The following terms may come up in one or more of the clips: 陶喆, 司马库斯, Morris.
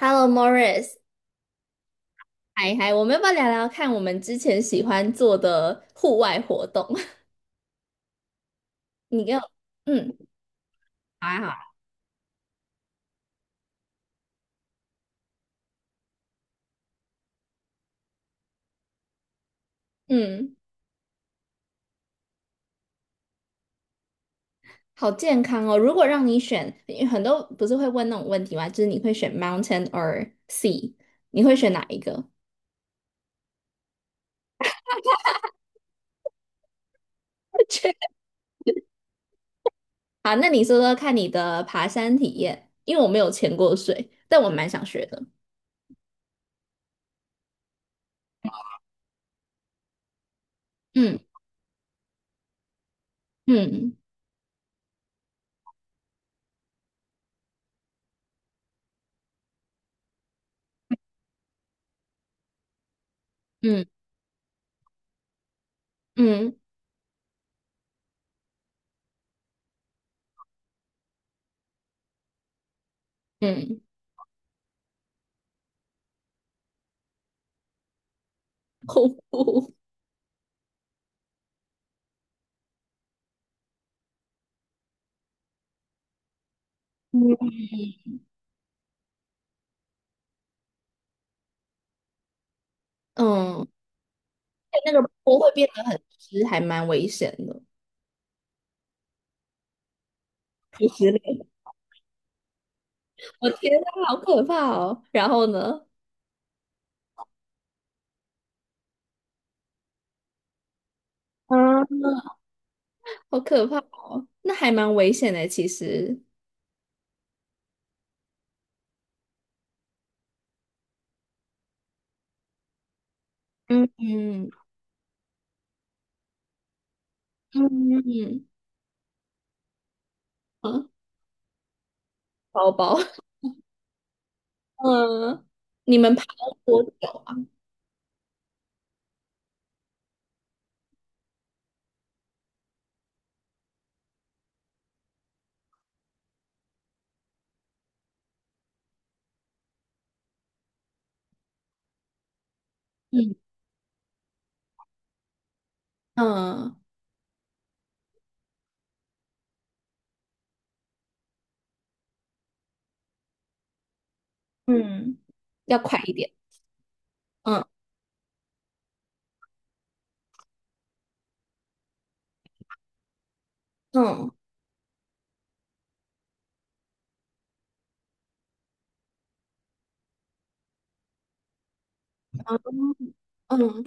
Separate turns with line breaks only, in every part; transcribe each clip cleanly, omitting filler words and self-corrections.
Hello, Morris，嗨嗨，我们要不要聊聊看我们之前喜欢做的户外活动？你跟我，嗯好啊，好啊，嗯，好健康哦。如果让你选，因为很多不是会问那种问题吗？就是你会选 mountain or sea，你会选哪一个？确好，那你说说看你的爬山体验，因为我没有潜过水，但我蛮想学的。嗯嗯嗯嗯嗯，瀑布，嗯嗯，那个坡会变得很湿，还蛮危险的。50年，我天呐，好可怕哦！然后呢？啊，好可怕哦，那还蛮危险的，其实。嗯嗯嗯嗯，包包，嗯，你们爬了多久啊？嗯嗯嗯，要快一点。嗯嗯嗯，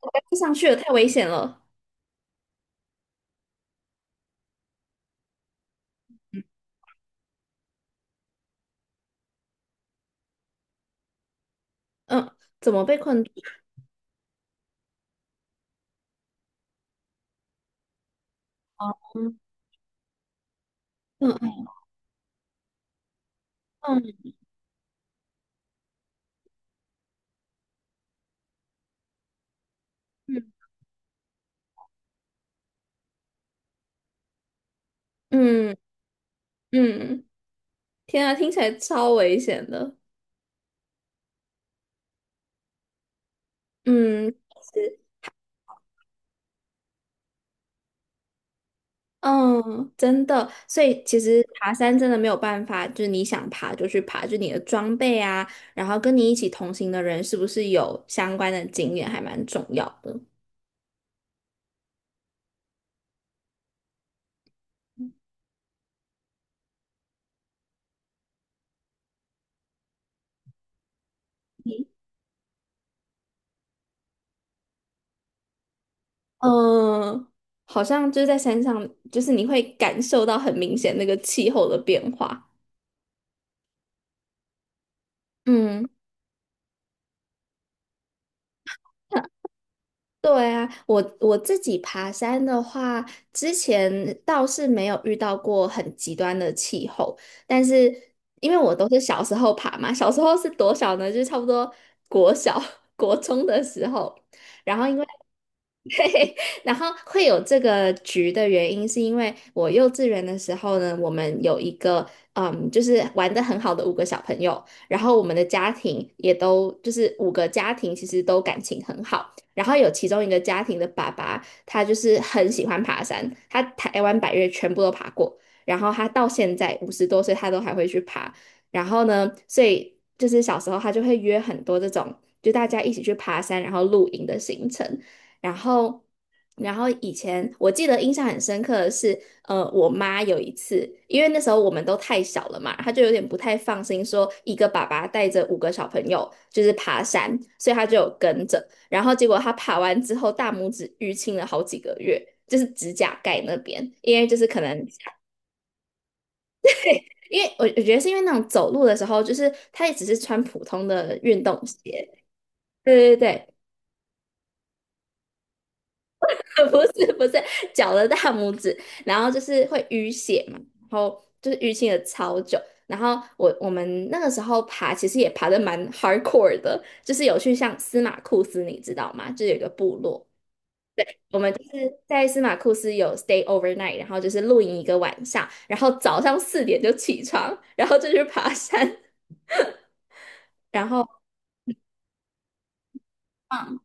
我快不上去了，太危险了。嗯，怎么被困住？哦嗯嗯嗯嗯嗯，天啊，听起来超危险的。嗯，嗯，真的，所以其实爬山真的没有办法，就是你想爬就去爬，就你的装备啊，然后跟你一起同行的人是不是有相关的经验，还蛮重要的。嗯，好像就是在山上，就是你会感受到很明显那个气候的变化。嗯。对啊，我自己爬山的话，之前倒是没有遇到过很极端的气候，但是因为我都是小时候爬嘛，小时候是多小呢？就是差不多国小、国中的时候，然后因为对，然后会有这个局的原因，是因为我幼稚园的时候呢，我们有一个嗯，就是玩的很好的五个小朋友，然后我们的家庭也都就是五个家庭其实都感情很好，然后有其中一个家庭的爸爸，他就是很喜欢爬山，他台湾百岳全部都爬过，然后他到现在50多岁，他都还会去爬，然后呢，所以就是小时候他就会约很多这种。就大家一起去爬山，然后露营的行程。然后，然后以前我记得印象很深刻的是，我妈有一次，因为那时候我们都太小了嘛，她就有点不太放心，说一个爸爸带着五个小朋友就是爬山，所以她就有跟着。然后结果她爬完之后，大拇指淤青了好几个月，就是指甲盖那边，因为就是可能。因为我觉得是因为那种走路的时候，就是她也只是穿普通的运动鞋，对对对，不是不是脚的大拇指，然后就是会淤血嘛，然后就是淤青了超久。然后我们那个时候爬，其实也爬的蛮 hardcore 的，就是有去像司马库斯，你知道吗？就是有一个部落，我们就是在司马库斯有 stay overnight，然后就是露营一个晚上，然后早上4点就起床，然后就去爬山，然后嗯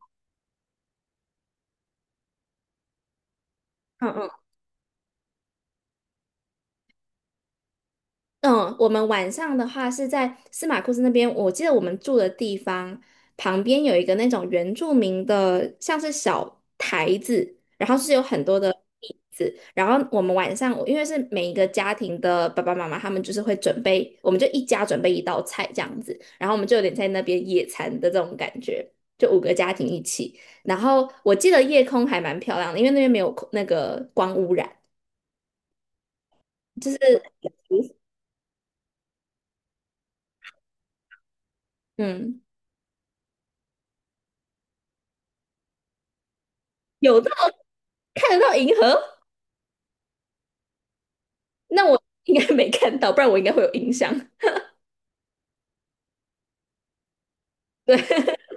嗯嗯。嗯，我们晚上的话是在司马库斯那边，我记得我们住的地方旁边有一个那种原住民的，像是小台子，然后是有很多的椅子，然后我们晚上，因为是每一个家庭的爸爸妈妈，他们就是会准备，我们就一家准备一道菜这样子，然后我们就有点在那边野餐的这种感觉，就五个家庭一起，然后我记得夜空还蛮漂亮的，因为那边没有空那个光污染，就是嗯，有到看得到银河。那我 应该没看到，不然我应该会有印象。对，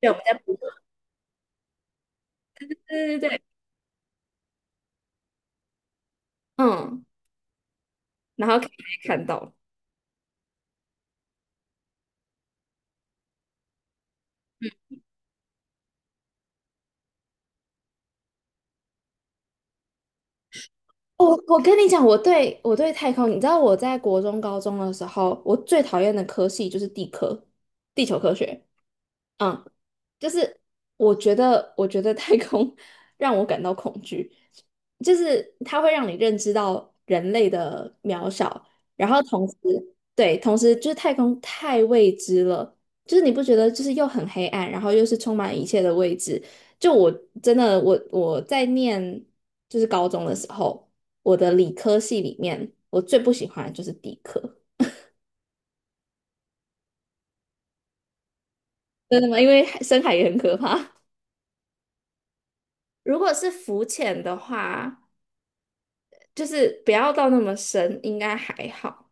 对，我们在补。对对对，嗯，然后可以看到。我我跟你讲，我对太空，你知道我在国中、高中的时候，我最讨厌的科系就是地科，地球科学。嗯，就是我觉得，我觉得太空 让我感到恐惧，就是它会让你认知到人类的渺小，然后同时，对，同时就是太空太未知了，就是你不觉得就是又很黑暗，然后又是充满一切的未知。就我真的，我在念就是高中的时候，我的理科系里面，我最不喜欢的就是地科，真的吗？因为海深海也很可怕。如果是浮潜的话。就是不要到那么深，应该还好。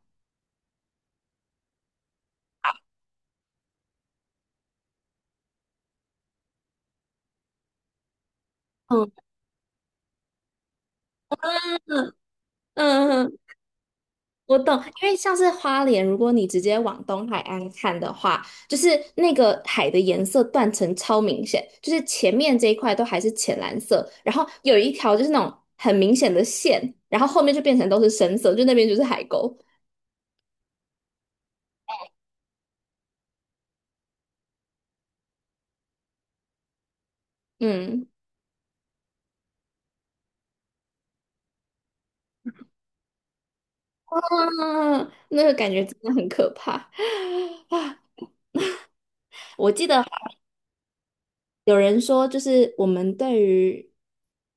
嗯嗯嗯，我懂，因为像是花莲，如果你直接往东海岸看的话，就是那个海的颜色断层超明显，就是前面这一块都还是浅蓝色，然后有一条就是那种很明显的线，然后后面就变成都是深色，就那边就是海沟。嗯，啊，那个感觉真的很可怕 啊！我记得。有人说，就是我们对于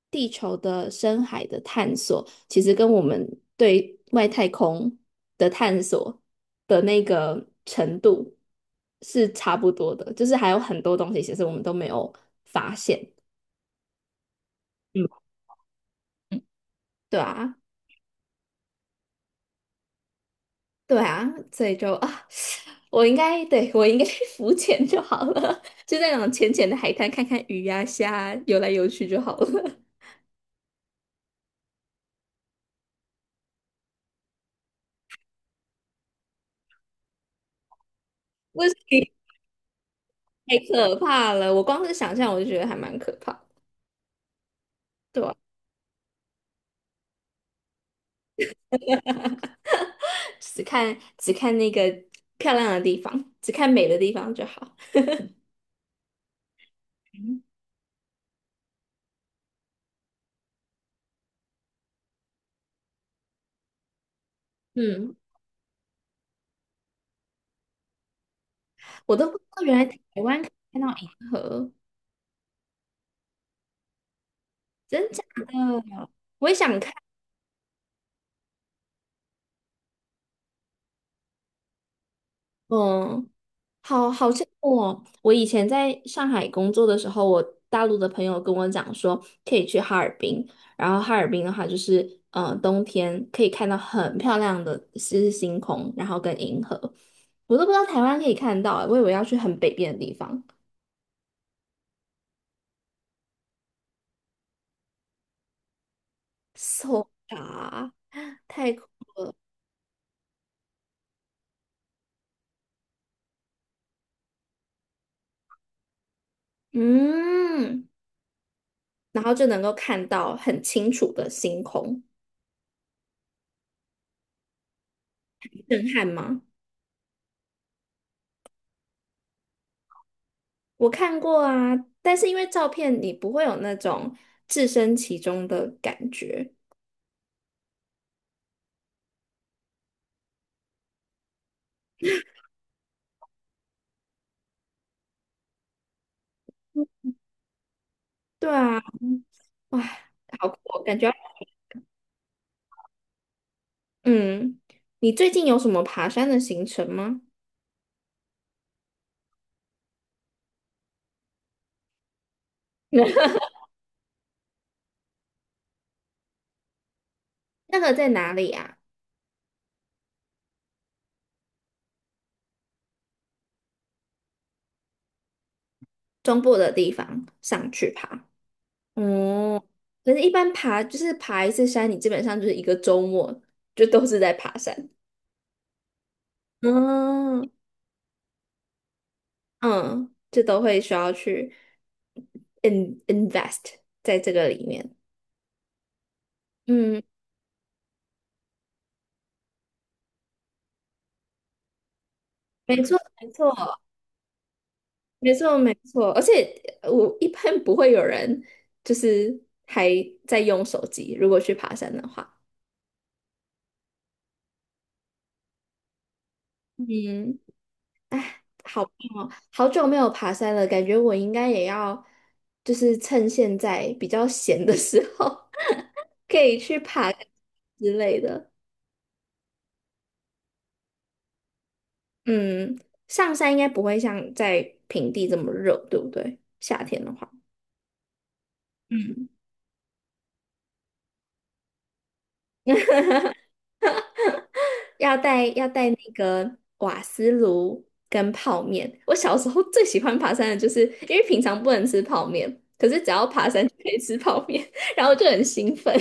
地球的深海的探索，其实跟我们对外太空的探索的那个程度是差不多的，就是还有很多东西其实我们都没有发现。嗯，对啊，对啊，所以就啊，我应该去浮潜就好了，就在那种浅浅的海滩看看鱼呀、虾啊游来游去就好了。为什么？太可怕了！我光是想象我就觉得还蛮可怕的对吧？只看只看那个漂亮的地方，只看美的地方就好。嗯，我都不知道原来台湾可以喝真假？我也想看。哦。好好羡慕哦！我以前在上海工作的时候，我大陆的朋友跟我讲说，可以去哈尔滨，然后哈尔滨的话就是，冬天可以看到很漂亮的是星空，然后跟银河，我都不知道台湾可以看到欸，我以为要去很北边的地方，so 啊太空，嗯，然后就能够看到很清楚的星空，震撼吗？我看过啊，但是因为照片你不会有那种置身其中的感觉。对啊，哇，好酷哦感觉要嗯，你最近有什么爬山的行程吗？那个在哪里啊？中部的地方上去爬。哦，可是，一般爬就是爬一次山，你基本上就是一个周末就都是在爬山 嗯嗯，就都会需要去 in invest 在这个里面。嗯。没错，没错，没错，没错。而且我一般不会有人就是还在用手机，如果去爬山的话。嗯，好棒哦，好久没有爬山了，感觉我应该也要就是趁现在比较闲的时候，可以去爬个之类的。嗯，上山应该不会像在平地这么热，对不对？夏天的话，嗯。要带要带那个瓦斯炉跟泡面。我小时候最喜欢爬山的就是，因为平常不能吃泡面，可是只要爬山就可以吃泡面，然后就很兴奋。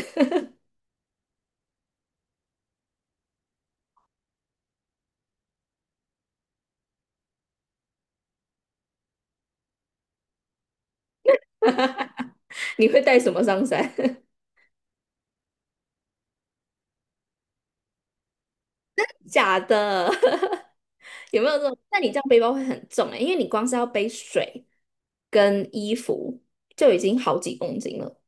你会带什么上山？假的，有没有这种？那你这样背包会很重哎、因为你光是要背水跟衣服就已经好几公斤了。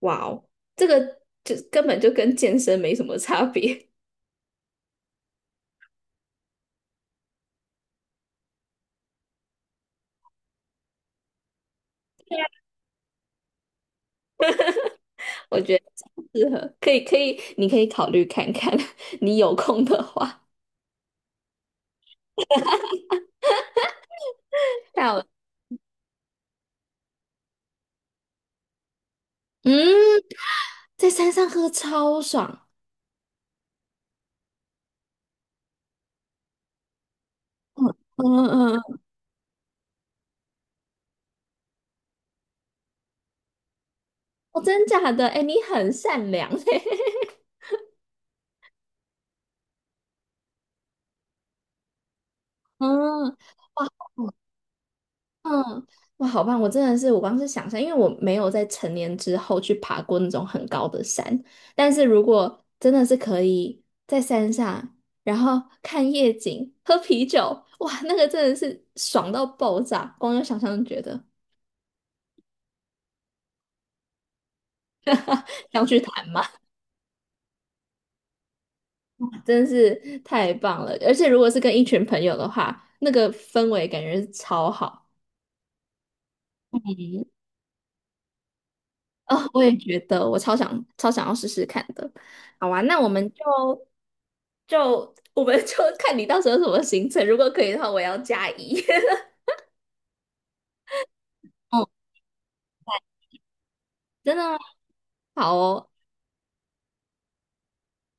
哇哦，这个就根本就跟健身没什么差别。我觉得适合，可以可以，你可以考虑看看，你有空的话。还我嗯，在山上喝超爽。嗯嗯嗯，嗯哦，真假的？哎，你很善良 嗯，哇，嗯，哇，好棒！我真的是，我光是想象，因为我没有在成年之后去爬过那种很高的山，但是如果真的是可以在山上，然后看夜景、喝啤酒，哇，那个真的是爽到爆炸，光有想象就觉得。上去谈嘛，真是太棒了！而且如果是跟一群朋友的话，那个氛围感觉是超好。哦，我也觉得，我超想超想要试试看的。好啊，那我们就就我们就 看你到时候什么行程，如果可以的话，我要加一。哦，真的吗？好哦，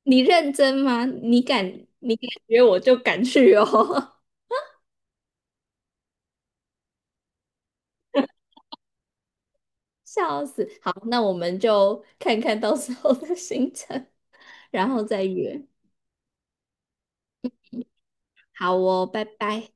你认真吗？你敢约我就敢去哦。笑死！好，那我们就看看到时候的行程，然后再约。好哦，拜拜。